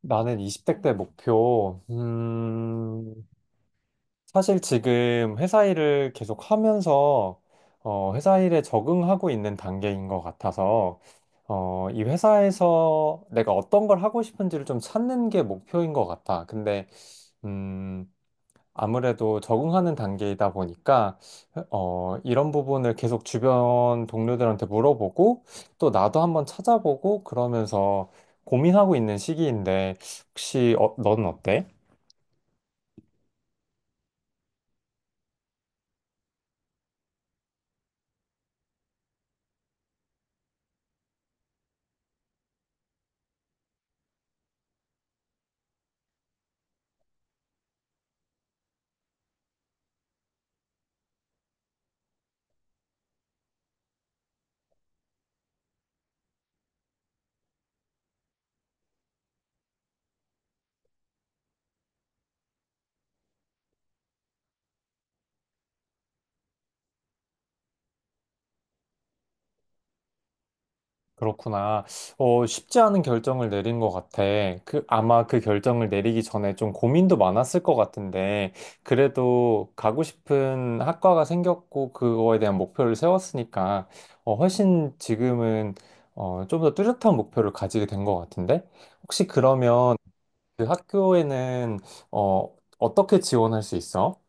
나는 20대 때 목표, 사실 지금 회사 일을 계속 하면서, 회사 일에 적응하고 있는 단계인 것 같아서, 이 회사에서 내가 어떤 걸 하고 싶은지를 좀 찾는 게 목표인 것 같아. 근데, 음, 아무래도 적응하는 단계이다 보니까 이런 부분을 계속 주변 동료들한테 물어보고 또 나도 한번 찾아보고 그러면서 고민하고 있는 시기인데 혹시 넌 어때? 그렇구나. 쉽지 않은 결정을 내린 것 같아. 아마 그 결정을 내리기 전에 좀 고민도 많았을 것 같은데, 그래도 가고 싶은 학과가 생겼고, 그거에 대한 목표를 세웠으니까, 훨씬 지금은, 좀 더 뚜렷한 목표를 가지게 된 것 같은데? 혹시 그러면 그 학교에는, 어, 어떻게 지원할 수 있어?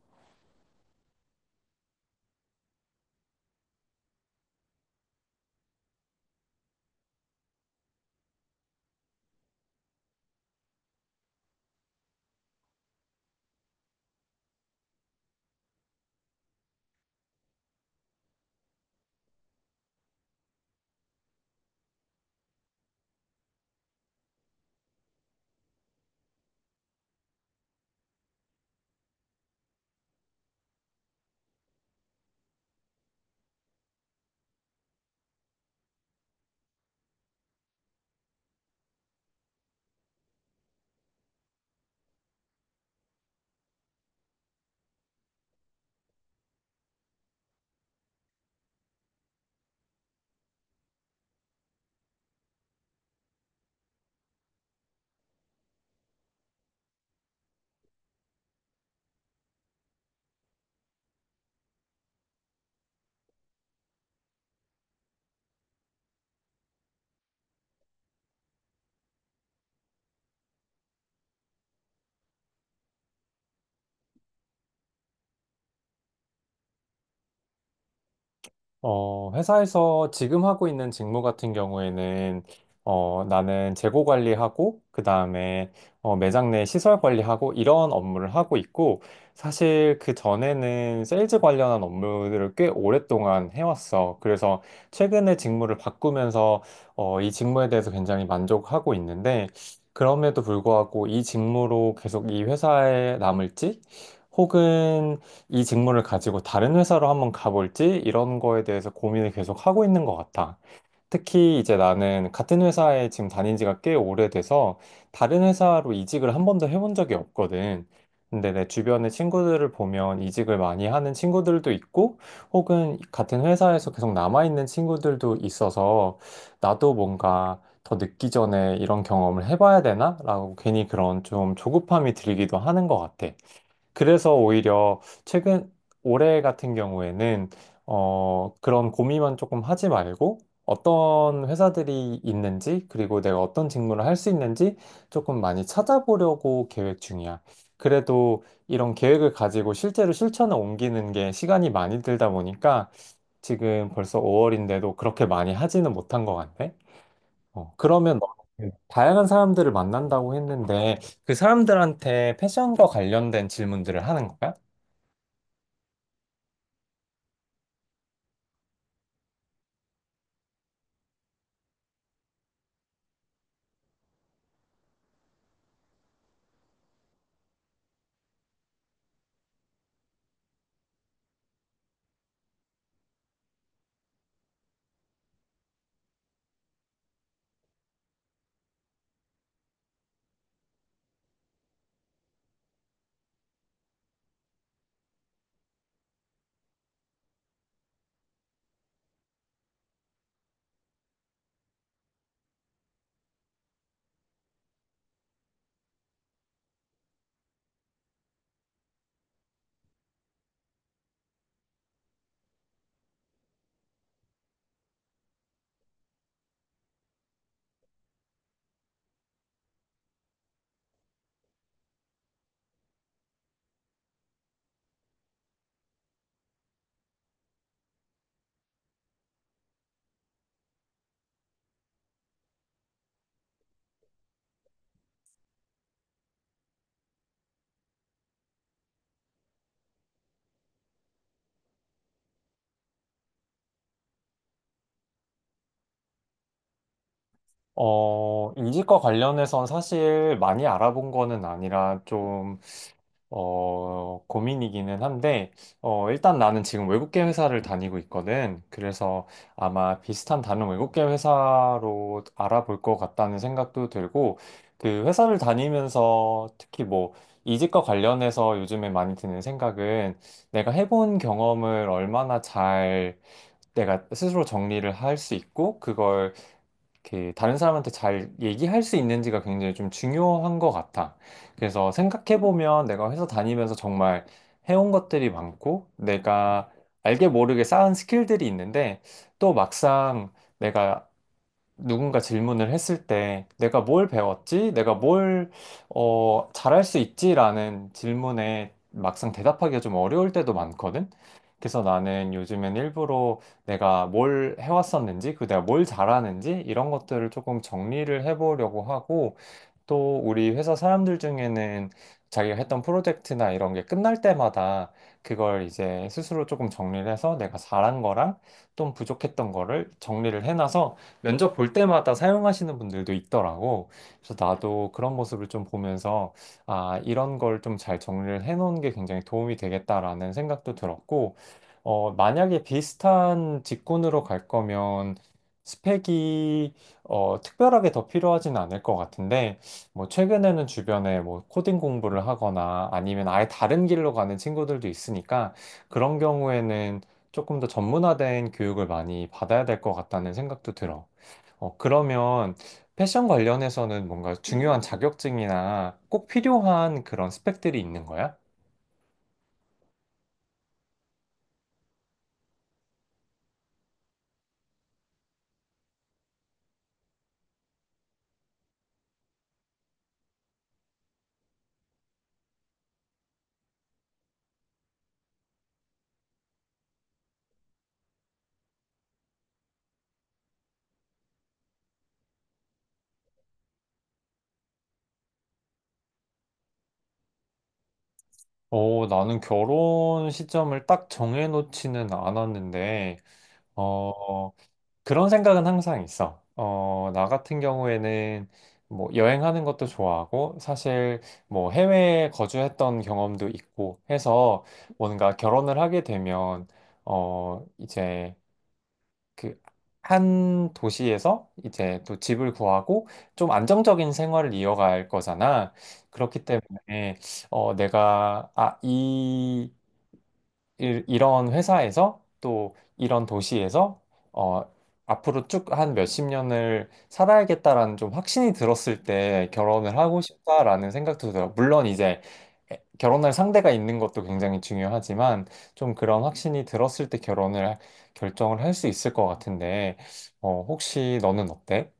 회사에서 지금 하고 있는 직무 같은 경우에는, 나는 재고 관리하고, 그 다음에, 매장 내 시설 관리하고, 이런 업무를 하고 있고, 사실 그 전에는 세일즈 관련한 업무들을 꽤 오랫동안 해왔어. 그래서 최근에 직무를 바꾸면서, 이 직무에 대해서 굉장히 만족하고 있는데, 그럼에도 불구하고 이 직무로 계속 이 회사에 남을지, 혹은 이 직무를 가지고 다른 회사로 한번 가볼지 이런 거에 대해서 고민을 계속 하고 있는 것 같아. 특히 이제 나는 같은 회사에 지금 다닌 지가 꽤 오래돼서 다른 회사로 이직을 한 번도 해본 적이 없거든. 근데 내 주변의 친구들을 보면 이직을 많이 하는 친구들도 있고 혹은 같은 회사에서 계속 남아있는 친구들도 있어서 나도 뭔가 더 늦기 전에 이런 경험을 해봐야 되나? 라고 괜히 그런 좀 조급함이 들기도 하는 것 같아. 그래서 오히려 최근 올해 같은 경우에는 그런 고민만 조금 하지 말고 어떤 회사들이 있는지 그리고 내가 어떤 직무를 할 수 있는지 조금 많이 찾아보려고 계획 중이야. 그래도 이런 계획을 가지고 실제로 실천을 옮기는 게 시간이 많이 들다 보니까 지금 벌써 5월인데도 그렇게 많이 하지는 못한 것 같네. 그러면 너 그 다양한 사람들을 만난다고 했는데 그 사람들한테 패션과 관련된 질문들을 하는 거야? 이직과 관련해선 사실 많이 알아본 거는 아니라 고민이기는 한데, 일단 나는 지금 외국계 회사를 다니고 있거든. 그래서 아마 비슷한 다른 외국계 회사로 알아볼 것 같다는 생각도 들고, 그 회사를 다니면서 특히 이직과 관련해서 요즘에 많이 드는 생각은 내가 해본 경험을 얼마나 잘 내가 스스로 정리를 할 수 있고, 그걸 이렇게 다른 사람한테 잘 얘기할 수 있는지가 굉장히 좀 중요한 것 같아. 그래서 생각해보면 내가 회사 다니면서 정말 해온 것들이 많고 내가 알게 모르게 쌓은 스킬들이 있는데 또 막상 내가 누군가 질문을 했을 때 내가 뭘 배웠지? 잘할 수 있지? 라는 질문에 막상 대답하기가 좀 어려울 때도 많거든? 그래서 나는 요즘엔 일부러 내가 뭘 해왔었는지, 그 내가 뭘 잘하는지, 이런 것들을 조금 정리를 해보려고 하고, 또 우리 회사 사람들 중에는 자기가 했던 프로젝트나 이런 게 끝날 때마다 그걸 이제 스스로 조금 정리를 해서 내가 잘한 거랑 좀 부족했던 거를 정리를 해놔서 면접 볼 때마다 사용하시는 분들도 있더라고. 그래서 나도 그런 모습을 좀 보면서 아, 이런 걸 좀 잘 정리를 해놓은 게 굉장히 도움이 되겠다라는 생각도 들었고, 만약에 비슷한 직군으로 갈 거면 스펙이 특별하게 더 필요하진 않을 것 같은데, 뭐 최근에는 주변에 뭐 코딩 공부를 하거나 아니면 아예 다른 길로 가는 친구들도 있으니까 그런 경우에는 조금 더 전문화된 교육을 많이 받아야 될 것 같다는 생각도 들어. 그러면 패션 관련해서는 뭔가 중요한 자격증이나 꼭 필요한 그런 스펙들이 있는 거야? 나는 결혼 시점을 딱 정해놓지는 않았는데, 어, 그런 생각은 항상 있어. 나 같은 경우에는 뭐 여행하는 것도 좋아하고 사실 뭐 해외에 거주했던 경험도 있고 해서 뭔가 결혼을 하게 되면 이제 그 한 도시에서 이제 또 집을 구하고 좀 안정적인 생활을 이어갈 거잖아. 그렇기 때문에 어, 내가 아, 이 이런 회사에서 또 이런 도시에서 어, 앞으로 쭉 한 몇 십 년을 살아야겠다라는 좀 확신이 들었을 때 결혼을 하고 싶다라는 생각도 들어요. 물론 이제 결혼할 상대가 있는 것도 굉장히 중요하지만 좀 그런 확신이 들었을 때 결정을 할 수 있을 것 같은데 혹시 너는 어때?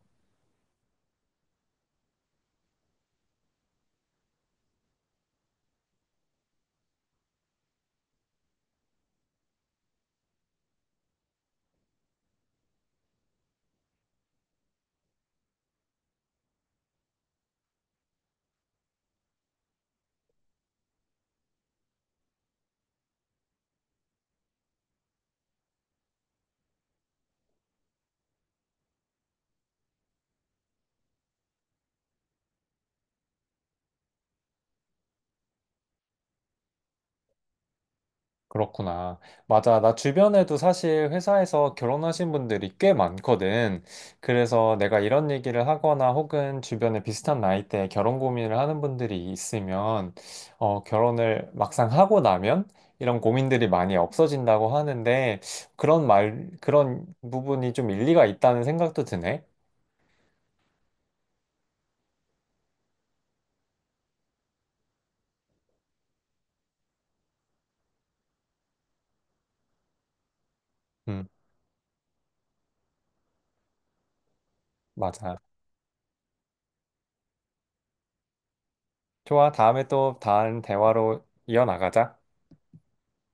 그렇구나. 맞아. 나 주변에도 사실 회사에서 결혼하신 분들이 꽤 많거든. 그래서 내가 이런 얘기를 하거나 혹은 주변에 비슷한 나이대에 결혼 고민을 하는 분들이 있으면, 결혼을 막상 하고 나면 이런 고민들이 많이 없어진다고 하는데, 그런 말, 그런 부분이 좀 일리가 있다는 생각도 드네. 음, 맞아. 좋아. 다음에 또 다른 대화로 이어나가자.